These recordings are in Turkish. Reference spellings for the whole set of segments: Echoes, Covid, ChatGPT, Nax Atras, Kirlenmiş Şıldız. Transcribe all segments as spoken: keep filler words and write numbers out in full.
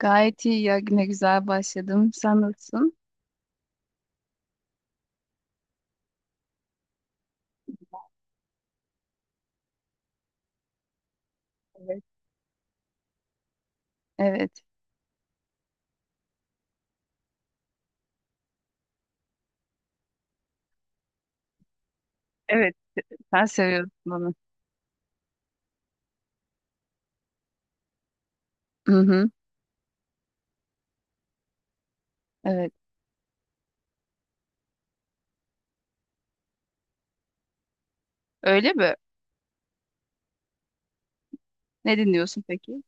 Gayet iyi ya. Ne güzel başladım. Sen nasılsın? Evet. Evet. Evet. Sen seviyorsun onu. Hı hı. Evet. Öyle mi? Ne dinliyorsun peki?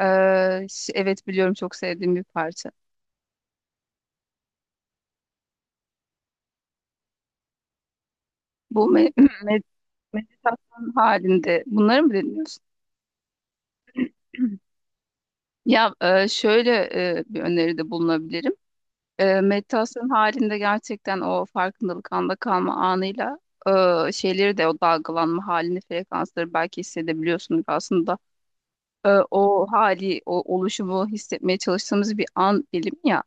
Ee, ş- evet biliyorum çok sevdiğim bir parça. Bu me me- meditasyon halinde bunları mı dinliyorsun? Ya e, şöyle e, bir öneride bulunabilirim. E, meditasyon halinde gerçekten o farkındalık anda kalma anıyla e, şeyleri de o dalgalanma halini frekansları belki hissedebiliyorsunuz. Aslında e, o hali, o oluşumu hissetmeye çalıştığımız bir an dilimi ya.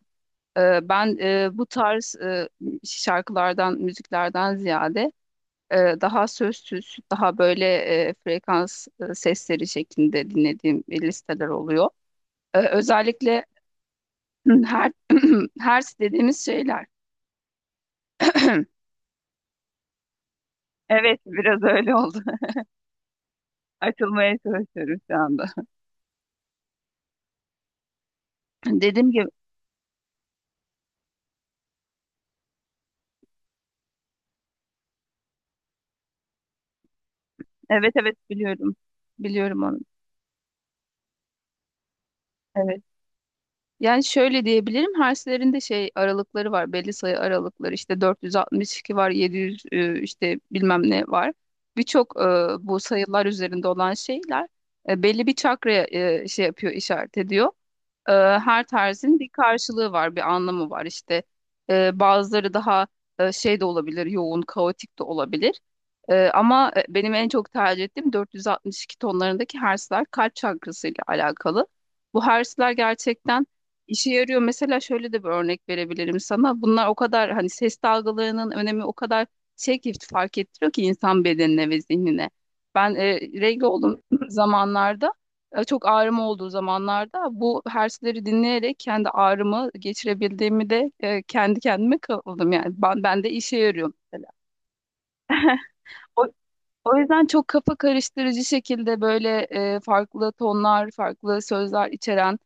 E, ben e, bu tarz e, şarkılardan, müziklerden ziyade e, daha sözsüz, daha böyle e, frekans e, sesleri şeklinde dinlediğim listeler oluyor. E, özellikle her hertz dediğimiz şeyler. Evet, biraz öyle oldu. Açılmaya çalışıyorum şu anda. Dediğim gibi, evet evet biliyorum. Biliyorum onu. Evet. Yani şöyle diyebilirim. Herslerin de şey aralıkları var. Belli sayı aralıkları. İşte dört yüz altmış iki var, yedi yüz e, işte bilmem ne var. Birçok e, bu sayılar üzerinde olan şeyler e, belli bir çakraya e, şey yapıyor, işaret ediyor. E, her tarzın bir karşılığı var, bir anlamı var. İşte e, bazıları daha e, şey de olabilir, yoğun, kaotik de olabilir. E, ama e, benim en çok tercih ettiğim dört yüz altmış iki tonlarındaki hertzler kalp çakrasıyla alakalı. Bu hertzler gerçekten işe yarıyor. Mesela şöyle de bir örnek verebilirim sana. Bunlar o kadar hani ses dalgalarının önemi o kadar şey ki fark ettiriyor ki insan bedenine ve zihnine. Ben e, regl olduğum zamanlarda e, çok ağrım olduğu zamanlarda bu hersleri dinleyerek kendi ağrımı geçirebildiğimi de e, kendi kendime kıldım yani ben, ben de işe yarıyor mesela. O, o yüzden çok kafa karıştırıcı şekilde böyle e, farklı tonlar, farklı sözler içeren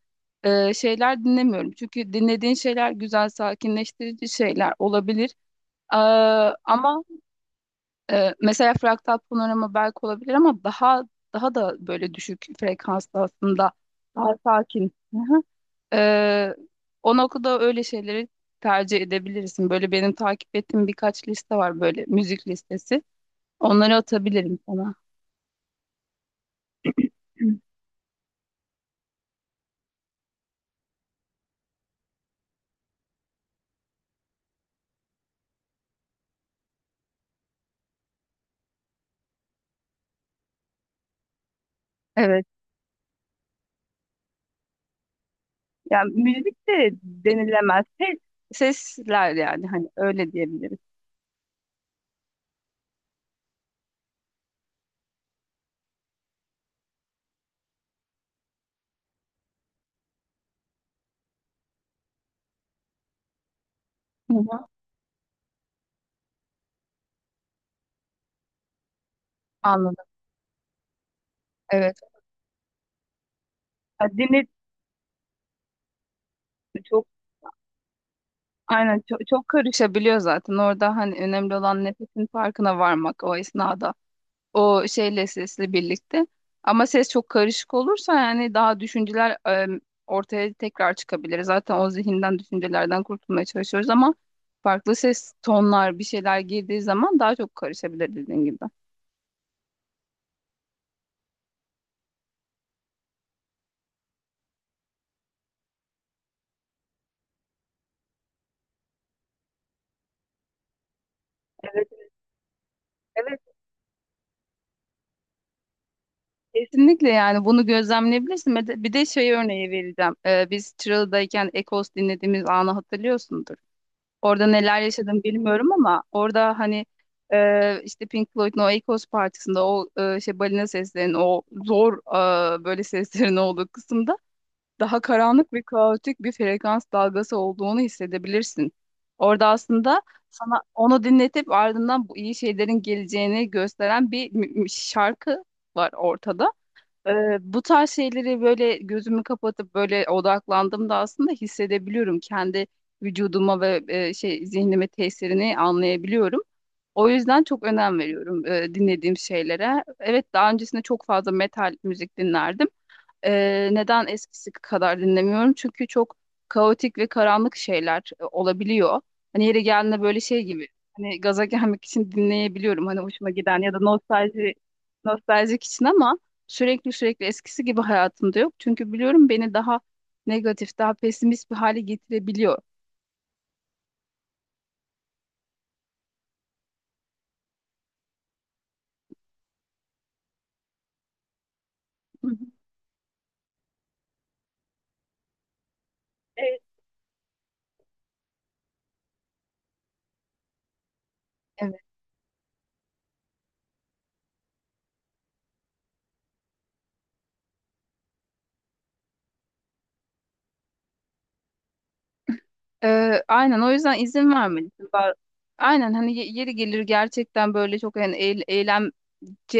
e, şeyler dinlemiyorum. Çünkü dinlediğin şeyler güzel, sakinleştirici şeyler olabilir. Ee, ama e, mesela fraktal panorama belki olabilir ama daha daha da böyle düşük frekanslı aslında daha sakin. Ee, o noktada öyle şeyleri tercih edebilirsin. Böyle benim takip ettiğim birkaç liste var böyle müzik listesi. Onları atabilirim sana. Evet. Yani müzik de denilemez. Ses, sesler yani hani öyle diyebiliriz. Hı hı. Anladım. Evet. Ya dinle çok aynen çok, çok karışabiliyor zaten. Orada hani önemli olan nefesin farkına varmak o esnada, o şeyle sesle birlikte. Ama ses çok karışık olursa yani daha düşünceler e, ortaya tekrar çıkabilir. Zaten o zihinden düşüncelerden kurtulmaya çalışıyoruz ama farklı ses tonlar bir şeyler girdiği zaman daha çok karışabilir dediğin gibi. Evet, kesinlikle yani bunu gözlemleyebilirsin. Bir de bir de şey örneği vereceğim. E, biz Çıralı'dayken Ekos dinlediğimiz anı hatırlıyorsundur. Orada neler yaşadım bilmiyorum ama orada hani e, işte Pink Floyd'un o Echoes partisinde o e, şey balina seslerinin o zor e, böyle seslerin olduğu kısımda daha karanlık ve kaotik bir frekans dalgası olduğunu hissedebilirsin. Orada aslında sana onu dinletip ardından bu iyi şeylerin geleceğini gösteren bir mü- mü- şarkı var ortada. Ee, bu tarz şeyleri böyle gözümü kapatıp böyle odaklandığımda aslında hissedebiliyorum. Kendi vücuduma ve e, şey zihnime tesirini anlayabiliyorum. O yüzden çok önem veriyorum e, dinlediğim şeylere. Evet, daha öncesinde çok fazla metal müzik dinlerdim. Ee, neden eskisi kadar dinlemiyorum? Çünkü çok kaotik ve karanlık şeyler e, olabiliyor. Hani yeri geldiğinde böyle şey gibi. Hani gaza gelmek için dinleyebiliyorum. Hani hoşuma giden ya da nostalji nostaljik için ama sürekli sürekli eskisi gibi hayatımda yok. Çünkü biliyorum beni daha negatif, daha pesimist bir hale getirebiliyor. Hı hı. Evet. Evet. Ee, aynen o yüzden izin vermelisin. Ba- Aynen hani ye- yeri gelir gerçekten böyle çok yani eylem eğlence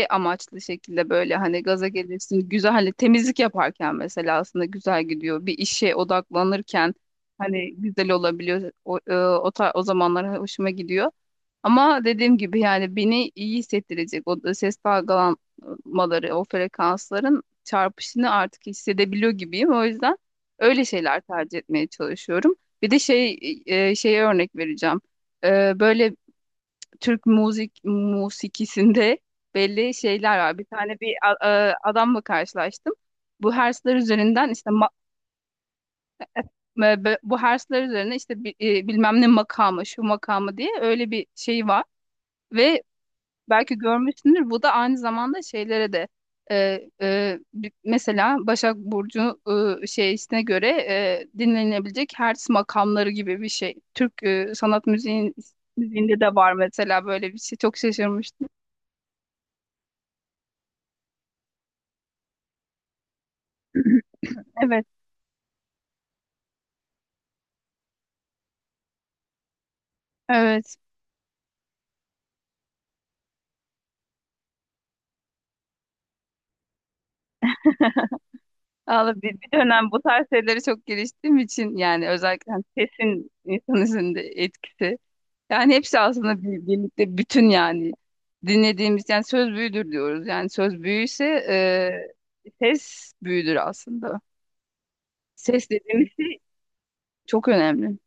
amaçlı şekilde böyle hani gaza gelirsin. Güzel, hani temizlik yaparken mesela aslında güzel gidiyor. Bir işe odaklanırken hani güzel olabiliyor. O, e, o, ta- o zamanlar hoşuma gidiyor. Ama dediğim gibi yani beni iyi hissettirecek o da ses dalgalanmaları, o frekansların çarpışını artık hissedebiliyor gibiyim. O yüzden öyle şeyler tercih etmeye çalışıyorum. Bir de şey, e, şeye örnek vereceğim. E, böyle Türk müzik musikisinde belli şeyler var. Bir tane bir a- a- adamla karşılaştım. Bu hersler üzerinden işte ma- e, be- bu hersler üzerine işte bi- e, bilmem ne makamı, şu makamı diye öyle bir şey var ve belki görmüşsündür. Bu da aynı zamanda şeylere de e, e, bi- mesela Başak Burcu e, şeysine göre e, dinlenebilecek hertz makamları gibi bir şey. Türk e, sanat müziğin müziğinde de var mesela böyle bir şey. Çok şaşırmıştım. Evet. Evet. Valla bir, bir dönem bu tarz şeylere çok giriştiğim için yani özellikle hani sesin insan üzerinde etkisi. Yani hepsi aslında bir, birlikte bütün yani dinlediğimiz yani söz büyüdür diyoruz. Yani söz büyüyse e, ses büyüdür aslında. Ses dediğimiz şey çok önemli.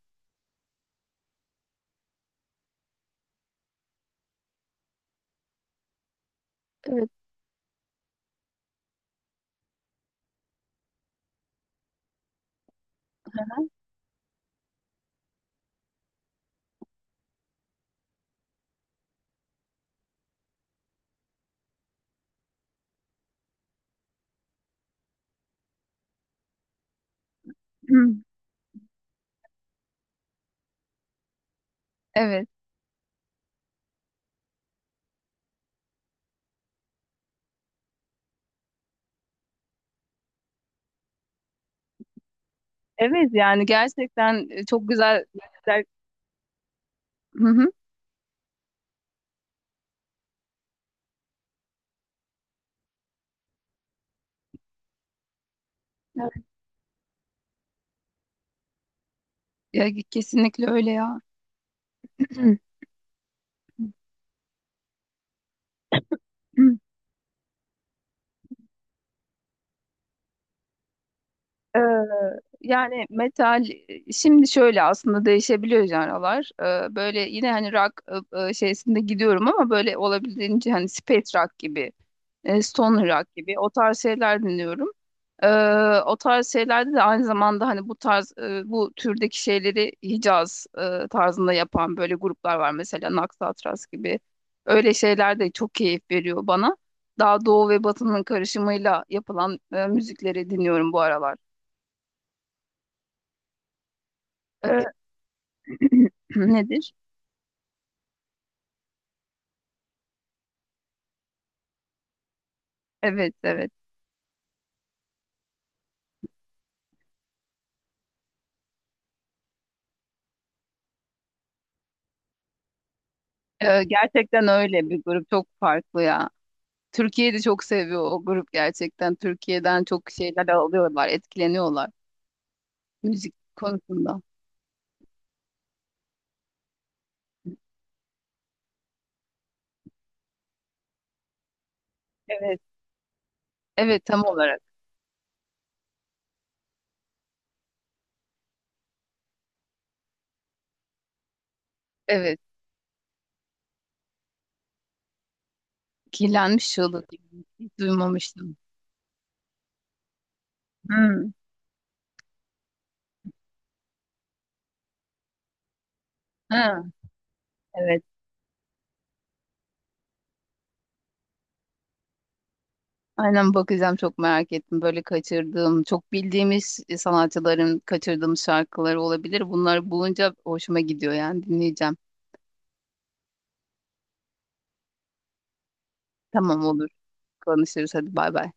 Evet. Hı. Evet. Evet, yani gerçekten e, çok güzel. Hı hı. Evet. Ya, kesinlikle öyle ya. Ee, Yani metal, e, şimdi şöyle aslında değişebiliyor janralar. Ee, böyle yine hani rock e, e, şeysinde gidiyorum ama böyle olabildiğince hani space rock gibi, e, stoner rock gibi o tarz şeyler dinliyorum. Ee, o tarz şeylerde de aynı zamanda hani bu tarz e, bu türdeki şeyleri Hicaz e, tarzında yapan böyle gruplar var mesela Nax Atras gibi. Öyle şeyler de çok keyif veriyor bana. Daha doğu ve batının karışımıyla yapılan e, müzikleri dinliyorum bu aralar. Ee, Nedir? Evet evet. Ee, gerçekten öyle bir grup, çok farklı ya. Türkiye'yi de çok seviyor o grup gerçekten. Türkiye'den çok şeyler alıyorlar, etkileniyorlar müzik konusunda. Evet. Evet, tam olarak. Evet. Kirlenmiş Şıldız. Hiç duymamıştım. Hmm. Ha, evet. Aynen, bakacağım, çok merak ettim. Böyle kaçırdığım, çok bildiğimiz sanatçıların kaçırdığım şarkıları olabilir. Bunları bulunca hoşuma gidiyor, yani dinleyeceğim. Tamam, olur. Konuşuruz, hadi bay bay.